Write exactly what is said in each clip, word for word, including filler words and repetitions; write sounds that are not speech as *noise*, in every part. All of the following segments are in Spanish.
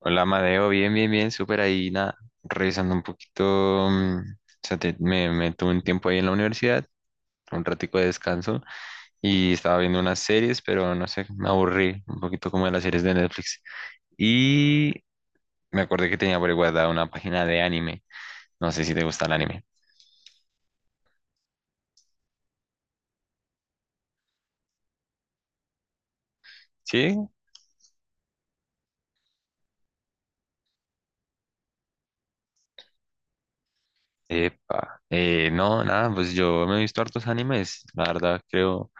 Hola, Amadeo, bien, bien, bien, súper ahí, nada, revisando un poquito, mm, o sea, te- me, me tuve un tiempo ahí en la universidad, un ratico de descanso, y estaba viendo unas series, pero no sé, me aburrí un poquito como de las series de Netflix, y me acordé que tenía por ahí guardada una página de anime, no sé si te gusta el anime. ¿Sí? Epa, eh, no, nada, pues yo me he visto hartos animes, la verdad, creo,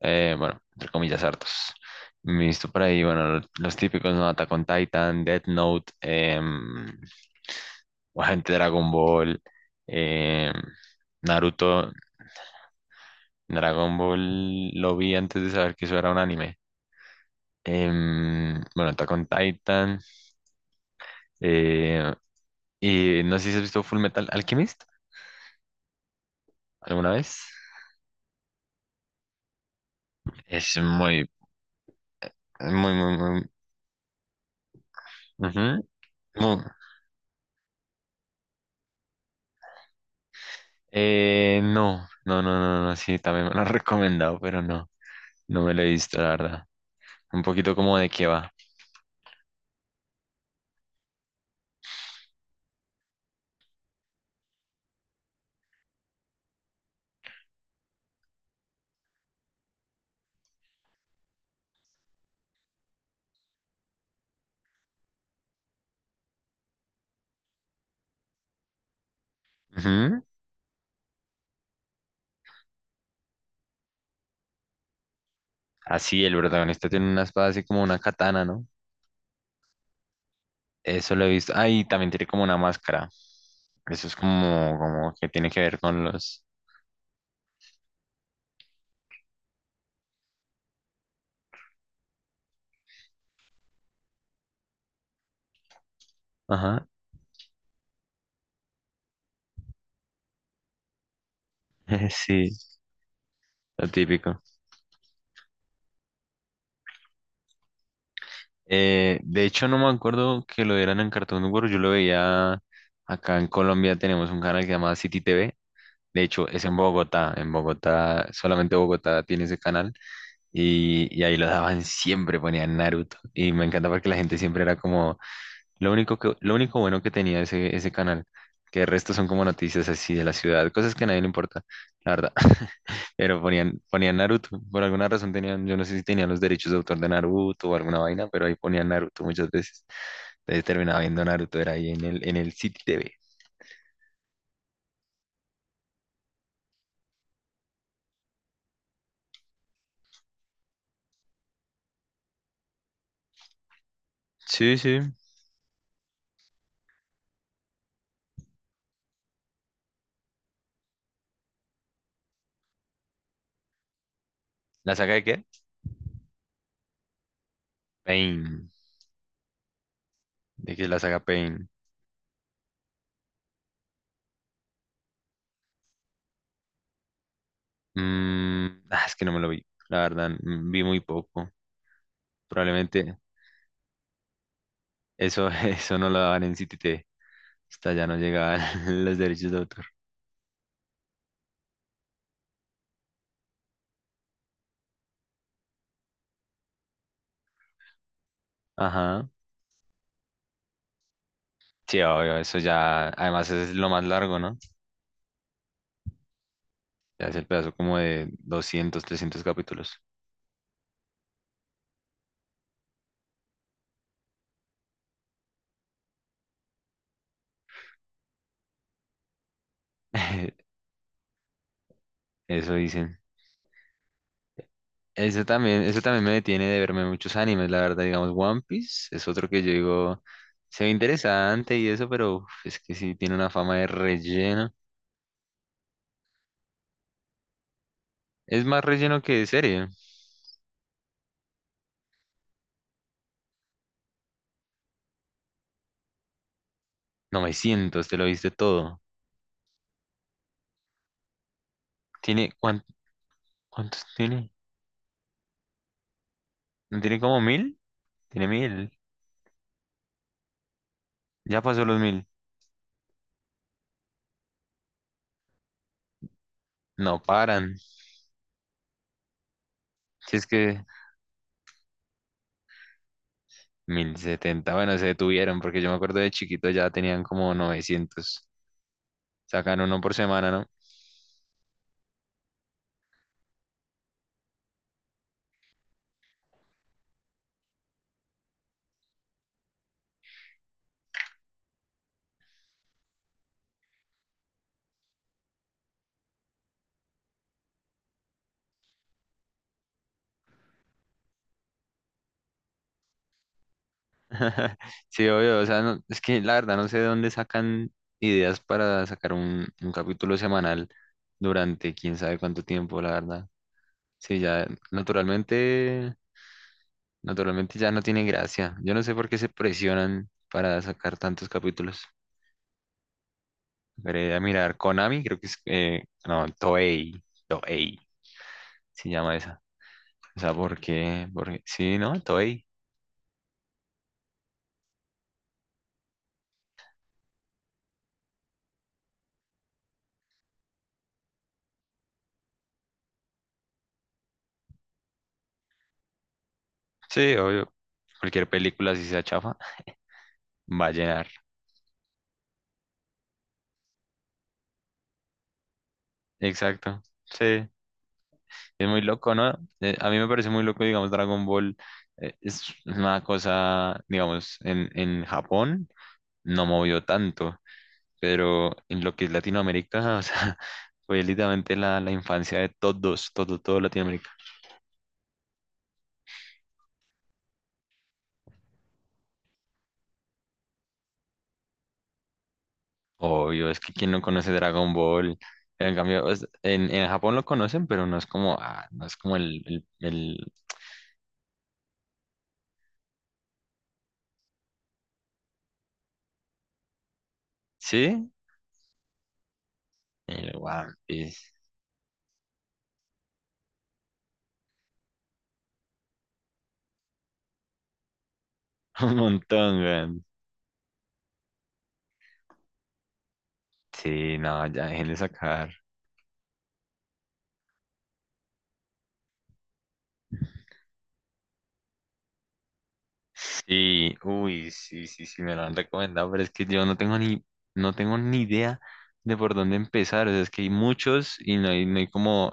eh, bueno, entre comillas, hartos. Me he visto por ahí, bueno, los típicos, ¿no? Attack on Titan, Death Note, em, Agente Dragon Ball, em, Naruto. Dragon Ball lo vi antes de saber que eso era un anime. Em, bueno, Attack on Titan, eh, y no sé si has visto Full Metal Alchemist alguna vez. Es muy, muy, muy, muy, ujú, muy- eh, no, no, no, no, no, sí, también me lo han *laughs* recomendado, pero no. No me lo he visto, la verdad. Un poquito como de qué va. Ujú. Así, el protagonista tiene una espada así como una katana, ¿no? Eso lo he visto. Ah, y también tiene como una máscara. Eso es como, como que tiene que ver con los... Ajá. *laughs* Sí, lo típico. Eh, de hecho, no me acuerdo que lo dieran en Cartoon Network. Yo lo veía acá en Colombia. Tenemos un canal que se llama City T V. De hecho, es en Bogotá. En Bogotá, solamente Bogotá tiene ese canal. Y, y ahí lo daban *laughs* siempre, ponían Naruto. Y me encanta porque la gente siempre era como, lo único que, lo único bueno que tenía ese, ese canal, que el resto son como noticias así de la ciudad, cosas que a nadie le importa, la verdad. *laughs* Pero ponían, ponían Naruto, por alguna razón tenían, yo no sé si tenían los derechos de autor de Naruto o alguna vaina, pero ahí ponían Naruto muchas veces. Entonces terminaba viendo Naruto, era ahí en el, en el City T V. Sí, sí. ¿La saga de qué? Pain. ¿De qué es la saga Pain? Mm, ah, es que no me lo vi, la verdad, mm, vi muy poco. Probablemente eso, *laughs* eso no lo daban en C T T. Hasta ya no llegaban *laughs* los derechos de autor. Ajá. Sí, obvio, eso ya, además es lo más largo, ¿no? Ya es el pedazo como de doscientos trescientos capítulos. *laughs* Eso dicen. Eso también, eso también me detiene de verme muchos animes, la verdad, digamos, One Piece es otro que yo digo, se ve interesante y eso, pero uf, es que sí tiene una fama de relleno. Es más relleno que serie. Novecientos te lo viste todo. ¿Tiene cuán- ¿cuántos tiene? ¿No tiene como mil? Tiene mil. Ya pasó los mil. No paran. Si es que mil setenta, bueno, se detuvieron porque yo me acuerdo de chiquito ya tenían como novecientos. Sacan uno por semana, ¿no? *laughs* Sí, obvio, o sea, no- es que la verdad no sé de dónde sacan ideas para sacar un, un capítulo semanal durante quién sabe cuánto tiempo, la verdad. Sí, ya naturalmente. Naturalmente ya no tiene gracia. Yo no sé por qué se presionan para sacar tantos capítulos. Veré a mirar Konami, creo que es... eh, no, Toei. Toei se llama esa. O sea, ¿por qué? Porque, sí, ¿no? Toei. Sí, obvio. Cualquier película, si sea chafa, va a llenar. Exacto. Sí. Es muy loco, ¿no? Eh, a mí me parece muy loco, digamos, Dragon Ball. Eh, es una cosa, digamos, en, en Japón no movió tanto, pero en lo que es Latinoamérica, *laughs* o sea, fue literalmente la, la infancia de todos, todo, todo Latinoamérica. Obvio, es que quien no conoce Dragon Ball. En cambio, es- en, en Japón lo conocen, pero no es como, ah, no es como el, el, el- ¿sí? El One Piece, *laughs* un montón, weón. Sí, no, ya dejen de sacar. Sí, uy, sí, sí, sí, me lo han recomendado, pero es que yo no tengo ni, no tengo ni idea de por dónde empezar, o sea, es que hay muchos y no hay, no hay como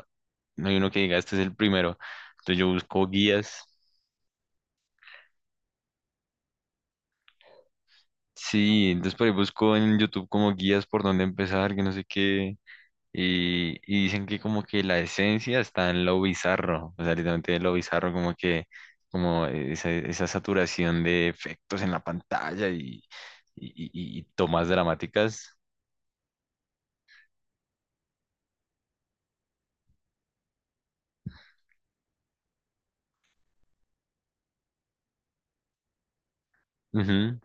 no hay uno que diga, este es el primero. Entonces yo busco guías. Sí, entonces por ahí busco en YouTube como guías por dónde empezar, que no sé qué. Y, y dicen que como que la esencia está en lo bizarro, o sea, literalmente lo bizarro, como que como esa, esa saturación de efectos en la pantalla y, y, y- y tomas dramáticas. Ujú,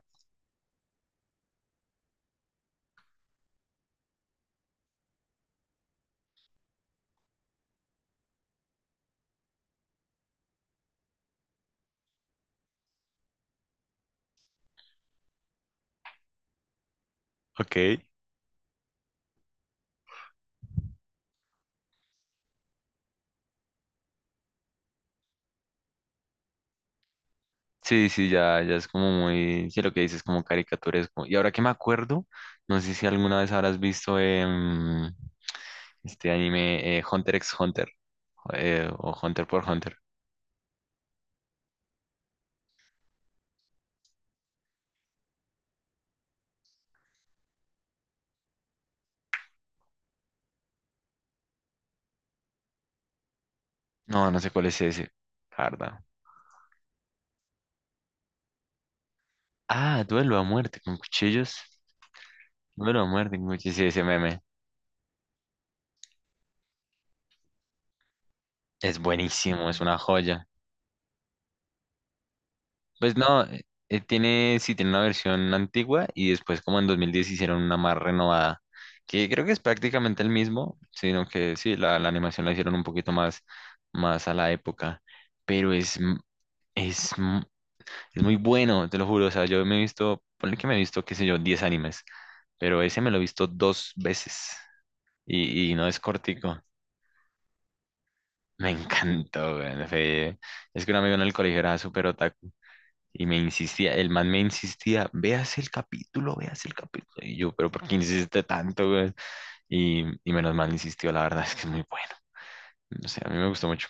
ok. Sí, sí, ya, ya es como muy, sí, lo que dices, como caricaturesco. Y ahora que me acuerdo, no sé si alguna vez habrás visto em, este anime, eh, Hunter x Hunter, eh, o Hunter por Hunter. No, no sé cuál es ese, la verdad. Ah, Duelo a muerte con cuchillos. Duelo a muerte con cuchillos, sí, ese meme. Es buenísimo, es una joya. Pues no, eh, eh, tiene, sí, tiene una versión antigua y después como en dos mil diez hicieron una más renovada, que creo que es prácticamente el mismo, sino que sí, la, la animación la hicieron un poquito más, más a la época, pero es, m- es, m- es muy bueno, te lo juro, o sea, yo me he visto, ponle que me he visto, qué sé yo, diez animes, pero ese me lo he visto dos veces y, y no es cortico. Me encantó, güey, fue- es que un amigo en el colegio era súper otaku. Y me insistía, el man me insistía, veas el capítulo, veas el capítulo. Y yo, pero ¿por qué insiste tanto, güey? Y, y menos mal insistió, la verdad es que es muy bueno. No sé, a mí me gustó mucho.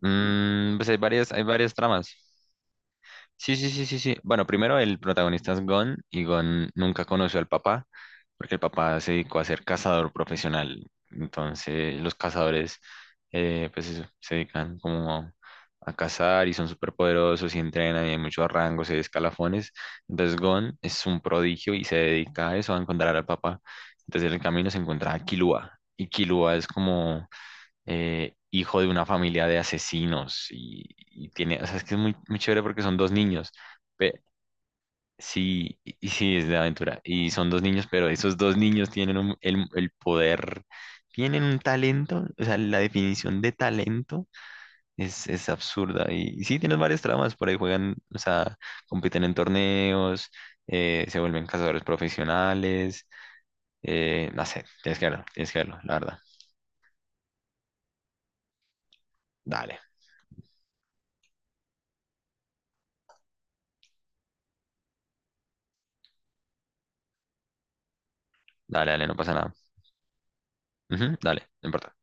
Mm, pues hay varias, hay varias tramas. Sí, sí, sí, sí, sí. Bueno, primero el protagonista es Gon y Gon nunca conoció al papá porque el papá se dedicó a ser cazador profesional. Entonces los cazadores, eh, pues eso, se dedican como a cazar y son súper poderosos y entrenan y hay muchos rangos y escalafones. Entonces Gon es un prodigio y se dedica a eso, a encontrar al papá. Entonces en el camino se encuentra a Killua y Killua es como eh, hijo de una familia de asesinos y, y tiene, o sea, es que es muy, muy chévere porque son dos niños. pe- sí, y y sí, es de aventura. Y son dos niños, pero esos dos niños tienen un- el, el poder, tienen un talento, o sea, la definición de talento es, es absurda. Y, y sí, tienen varias tramas, por ahí juegan, o sea, compiten en torneos. Eh, se vuelven cazadores profesionales. Eh, no sé, tienes que verlo, tienes que verlo, la verdad. Dale, dale, dale, no pasa nada. Ujú, dale, no importa.